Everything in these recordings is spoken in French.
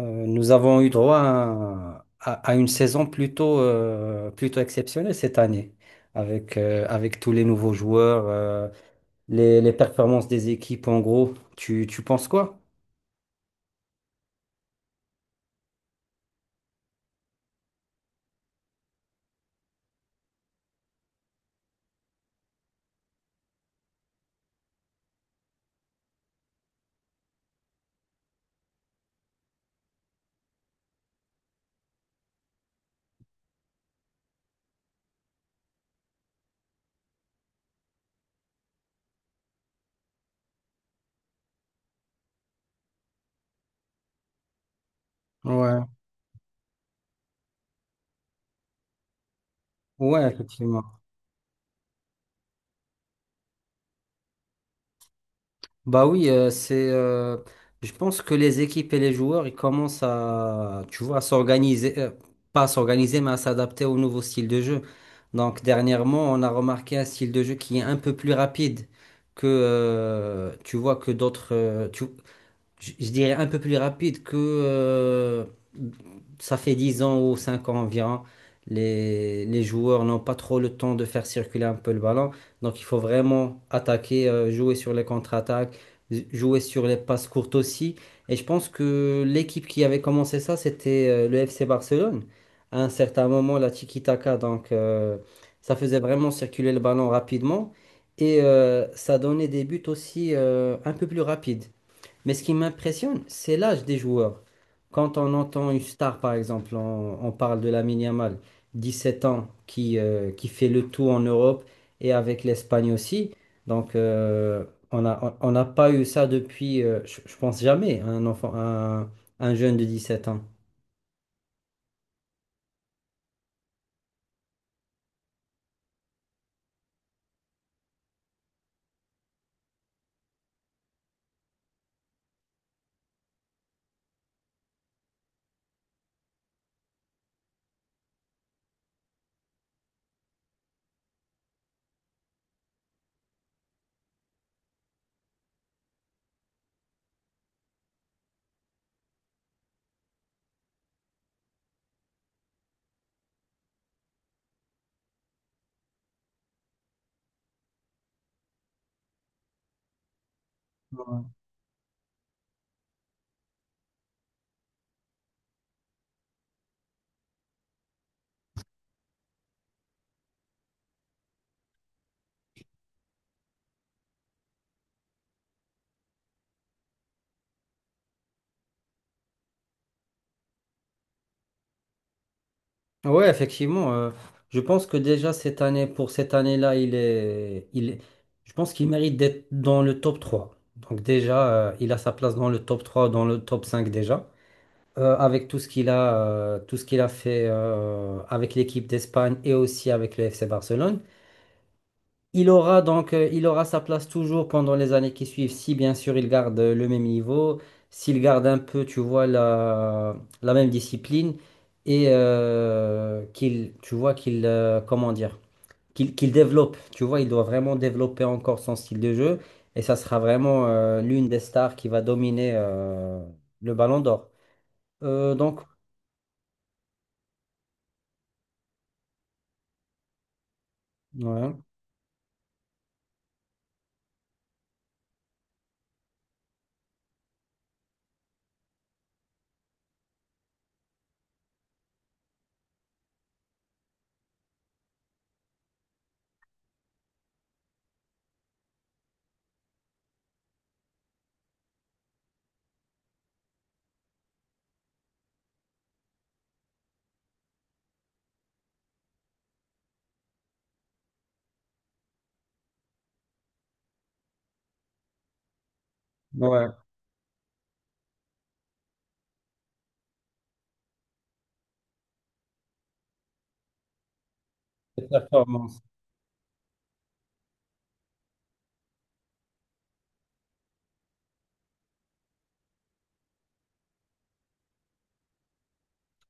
Nous avons eu droit à une saison plutôt exceptionnelle cette année, avec tous les nouveaux joueurs, les performances des équipes en gros. Tu penses quoi? Ouais, ouais, effectivement. Bah oui, je pense que les équipes et les joueurs, ils commencent à, tu vois, à s'organiser, pas à s'organiser, mais à s'adapter au nouveau style de jeu. Donc dernièrement, on a remarqué un style de jeu qui est un peu plus rapide que, tu vois, que d'autres. Je dirais un peu plus rapide que, ça fait 10 ans ou 5 ans environ, les joueurs n'ont pas trop le temps de faire circuler un peu le ballon. Donc il faut vraiment attaquer, jouer sur les contre-attaques, jouer sur les passes courtes aussi. Et je pense que l'équipe qui avait commencé ça, c'était, le FC Barcelone. À un certain moment, la tiki-taka, donc, ça faisait vraiment circuler le ballon rapidement. Et, ça donnait des buts aussi, un peu plus rapides. Mais ce qui m'impressionne, c'est l'âge des joueurs. Quand on entend une star, par exemple, on parle de Lamine Yamal, 17 ans, qui fait le tour en Europe et avec l'Espagne aussi. Donc, on a, on on n'a pas eu ça depuis, je pense jamais, un enfant, un jeune de 17 ans. Ouais. Ouais, effectivement. Je pense que déjà cette année, pour cette année-là, je pense qu'il mérite d'être dans le top 3. Donc déjà, il a sa place dans le top 3, dans le top 5 déjà. Avec tout ce qu'il a fait, avec l'équipe d'Espagne et aussi avec le FC Barcelone. Il aura donc, il aura sa place toujours pendant les années qui suivent, si bien sûr il garde, le même niveau, s'il garde un peu, tu vois, la même discipline et, tu vois, qu'il, comment dire, qu'il qu'il développe, tu vois, il doit vraiment développer encore son style de jeu et ça sera vraiment, l'une des stars qui va dominer, le Ballon d'Or. Euh, donc, ouais, ouais, cette performance.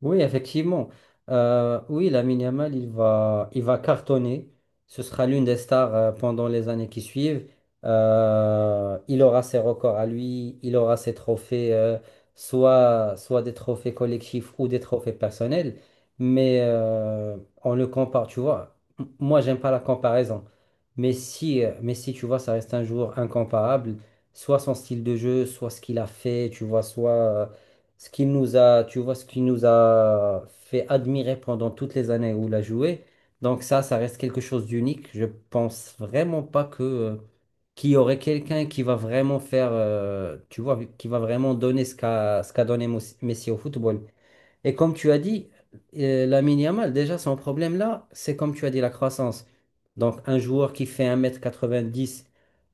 Oui, effectivement. Oui, Lamine Yamal, il va cartonner. Ce sera l'une des stars, pendant les années qui suivent. Il aura ses records à lui, il aura ses trophées, soit des trophées collectifs ou des trophées personnels. Mais, on le compare, tu vois. Moi, j'aime pas la comparaison. Mais si, tu vois, ça reste un joueur incomparable. Soit son style de jeu, soit ce qu'il a fait, tu vois, soit. Ce qui nous a, tu vois, ce qui nous a fait admirer pendant toutes les années où il a joué. Donc ça reste quelque chose d'unique. Je pense vraiment pas que qu'il y aurait quelqu'un qui va vraiment faire, tu vois, qui va vraiment donner ce qu'a donné Messi au football. Et comme tu as dit, Lamine Yamal, déjà, son problème là, c'est comme tu as dit, la croissance. Donc, un joueur qui fait 1m90,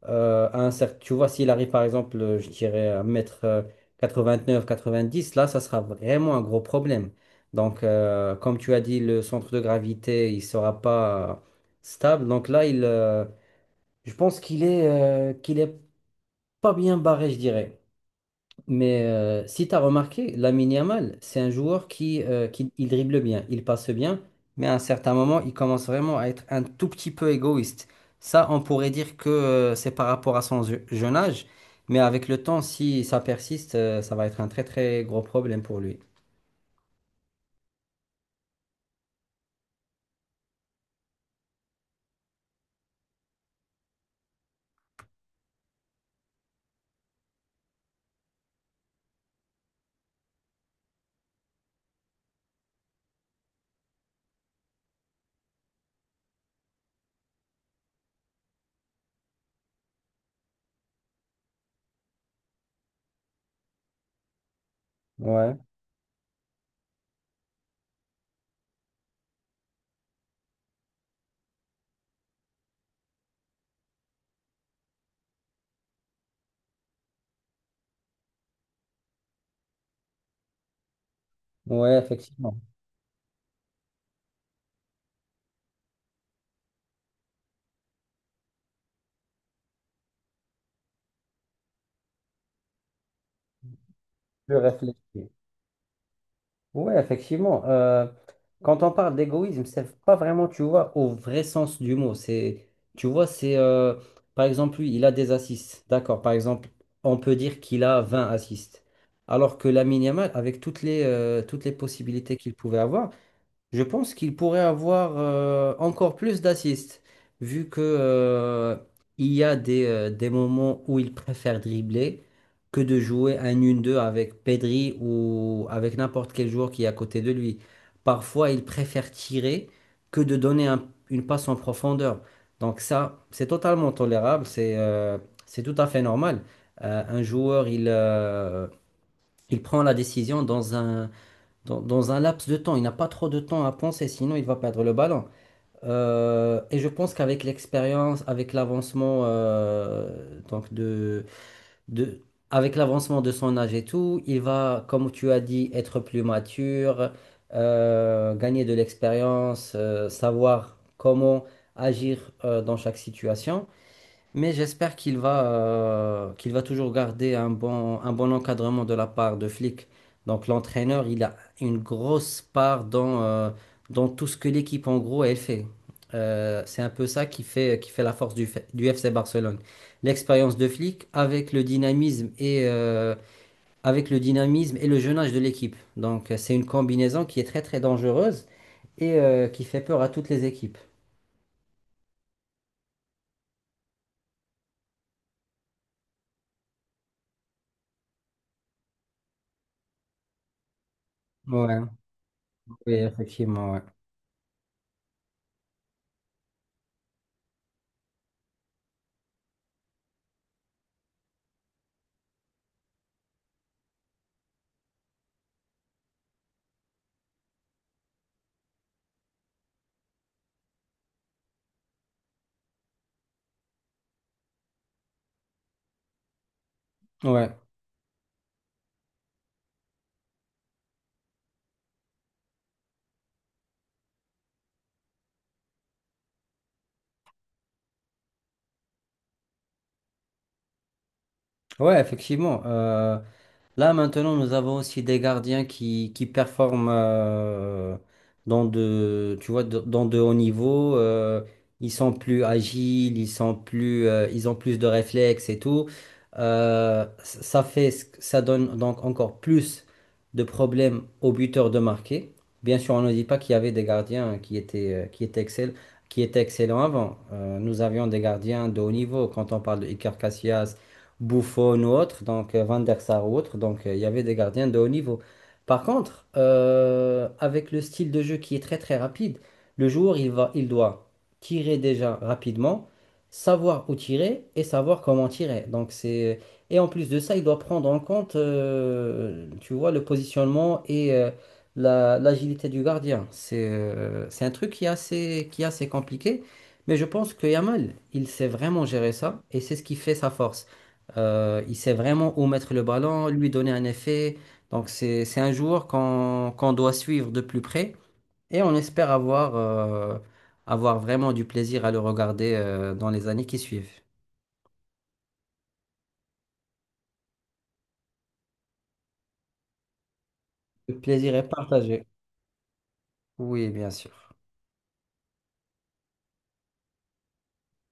à un certain, tu vois, s'il arrive par exemple, je dirais un mètre, quatre-vingt-neuf quatre-vingt-dix là, ça sera vraiment un gros problème. Donc, comme tu as dit, le centre de gravité, il sera pas, stable. Donc là, je pense qu'il est pas bien barré, je dirais. Mais, si tu as remarqué, Lamine Yamal, c'est un joueur qui il dribble bien, il passe bien, mais à un certain moment, il commence vraiment à être un tout petit peu égoïste. Ça, on pourrait dire que, c'est par rapport à son jeune âge, mais avec le temps, si ça persiste, ça va être un très très gros problème pour lui. Ouais, ouais, effectivement. Je réfléchis. Ouais, effectivement. Quand on parle d'égoïsme, c'est pas vraiment, tu vois, au vrai sens du mot. C'est, tu vois, par exemple, lui, il a des assists. D'accord. Par exemple, on peut dire qu'il a 20 assists. Alors que la Yamal, avec toutes les possibilités qu'il pouvait avoir, je pense qu'il pourrait avoir, encore plus d'assists, vu que, il y a des moments où il préfère dribbler que de jouer un une deux avec Pedri ou avec n'importe quel joueur qui est à côté de lui. Parfois, il préfère tirer que de donner une passe en profondeur. Donc ça, c'est totalement tolérable, c'est tout à fait normal. Un joueur, il prend la décision dans un laps de temps. Il n'a pas trop de temps à penser, sinon il va perdre le ballon. Et je pense qu'avec l'expérience, de, avec l'avancement de son âge et tout, il va, comme tu as dit, être plus mature, gagner de l'expérience, savoir comment agir, dans chaque situation. Mais j'espère qu'il va toujours garder un bon encadrement de la part de Flick. Donc l'entraîneur, il a une grosse part dans tout ce que l'équipe en gros elle fait. C'est un peu ça qui fait la force du FC Barcelone. L'expérience de Flick avec le dynamisme et le jeune âge de l'équipe. Donc, c'est une combinaison qui est très très dangereuse et, qui fait peur à toutes les équipes. Ouais, oui, effectivement, ouais. Ouais. Ouais, effectivement. Là, maintenant, nous avons aussi des gardiens qui performent, tu vois, dans de hauts niveaux. Ils sont plus agiles, ils ont plus de réflexes et tout. C- ça fait, ce que- Ça donne donc encore plus de problèmes aux buteurs de marquer. Bien sûr, on ne dit pas qu'il y avait des gardiens qui étaient excellents avant. Nous avions des gardiens de haut niveau. Quand on parle de Iker Casillas, Buffon ou autre, donc, Van der Sar ou autre. Donc, il y avait des gardiens de haut niveau. Par contre, avec le style de jeu qui est très très rapide, le joueur il doit tirer déjà rapidement, savoir où tirer et savoir comment tirer. Donc c'est et en plus de ça, il doit prendre en compte, tu vois, le positionnement et, l'agilité du gardien. C'est un truc qui est assez compliqué, mais je pense que Yamal, il sait vraiment gérer ça et c'est ce qui fait sa force. Il sait vraiment où mettre le ballon, lui donner un effet. Donc c'est un joueur qu'on doit suivre de plus près et on espère avoir vraiment du plaisir à le regarder, dans les années qui suivent. Le plaisir est partagé. Oui, bien sûr.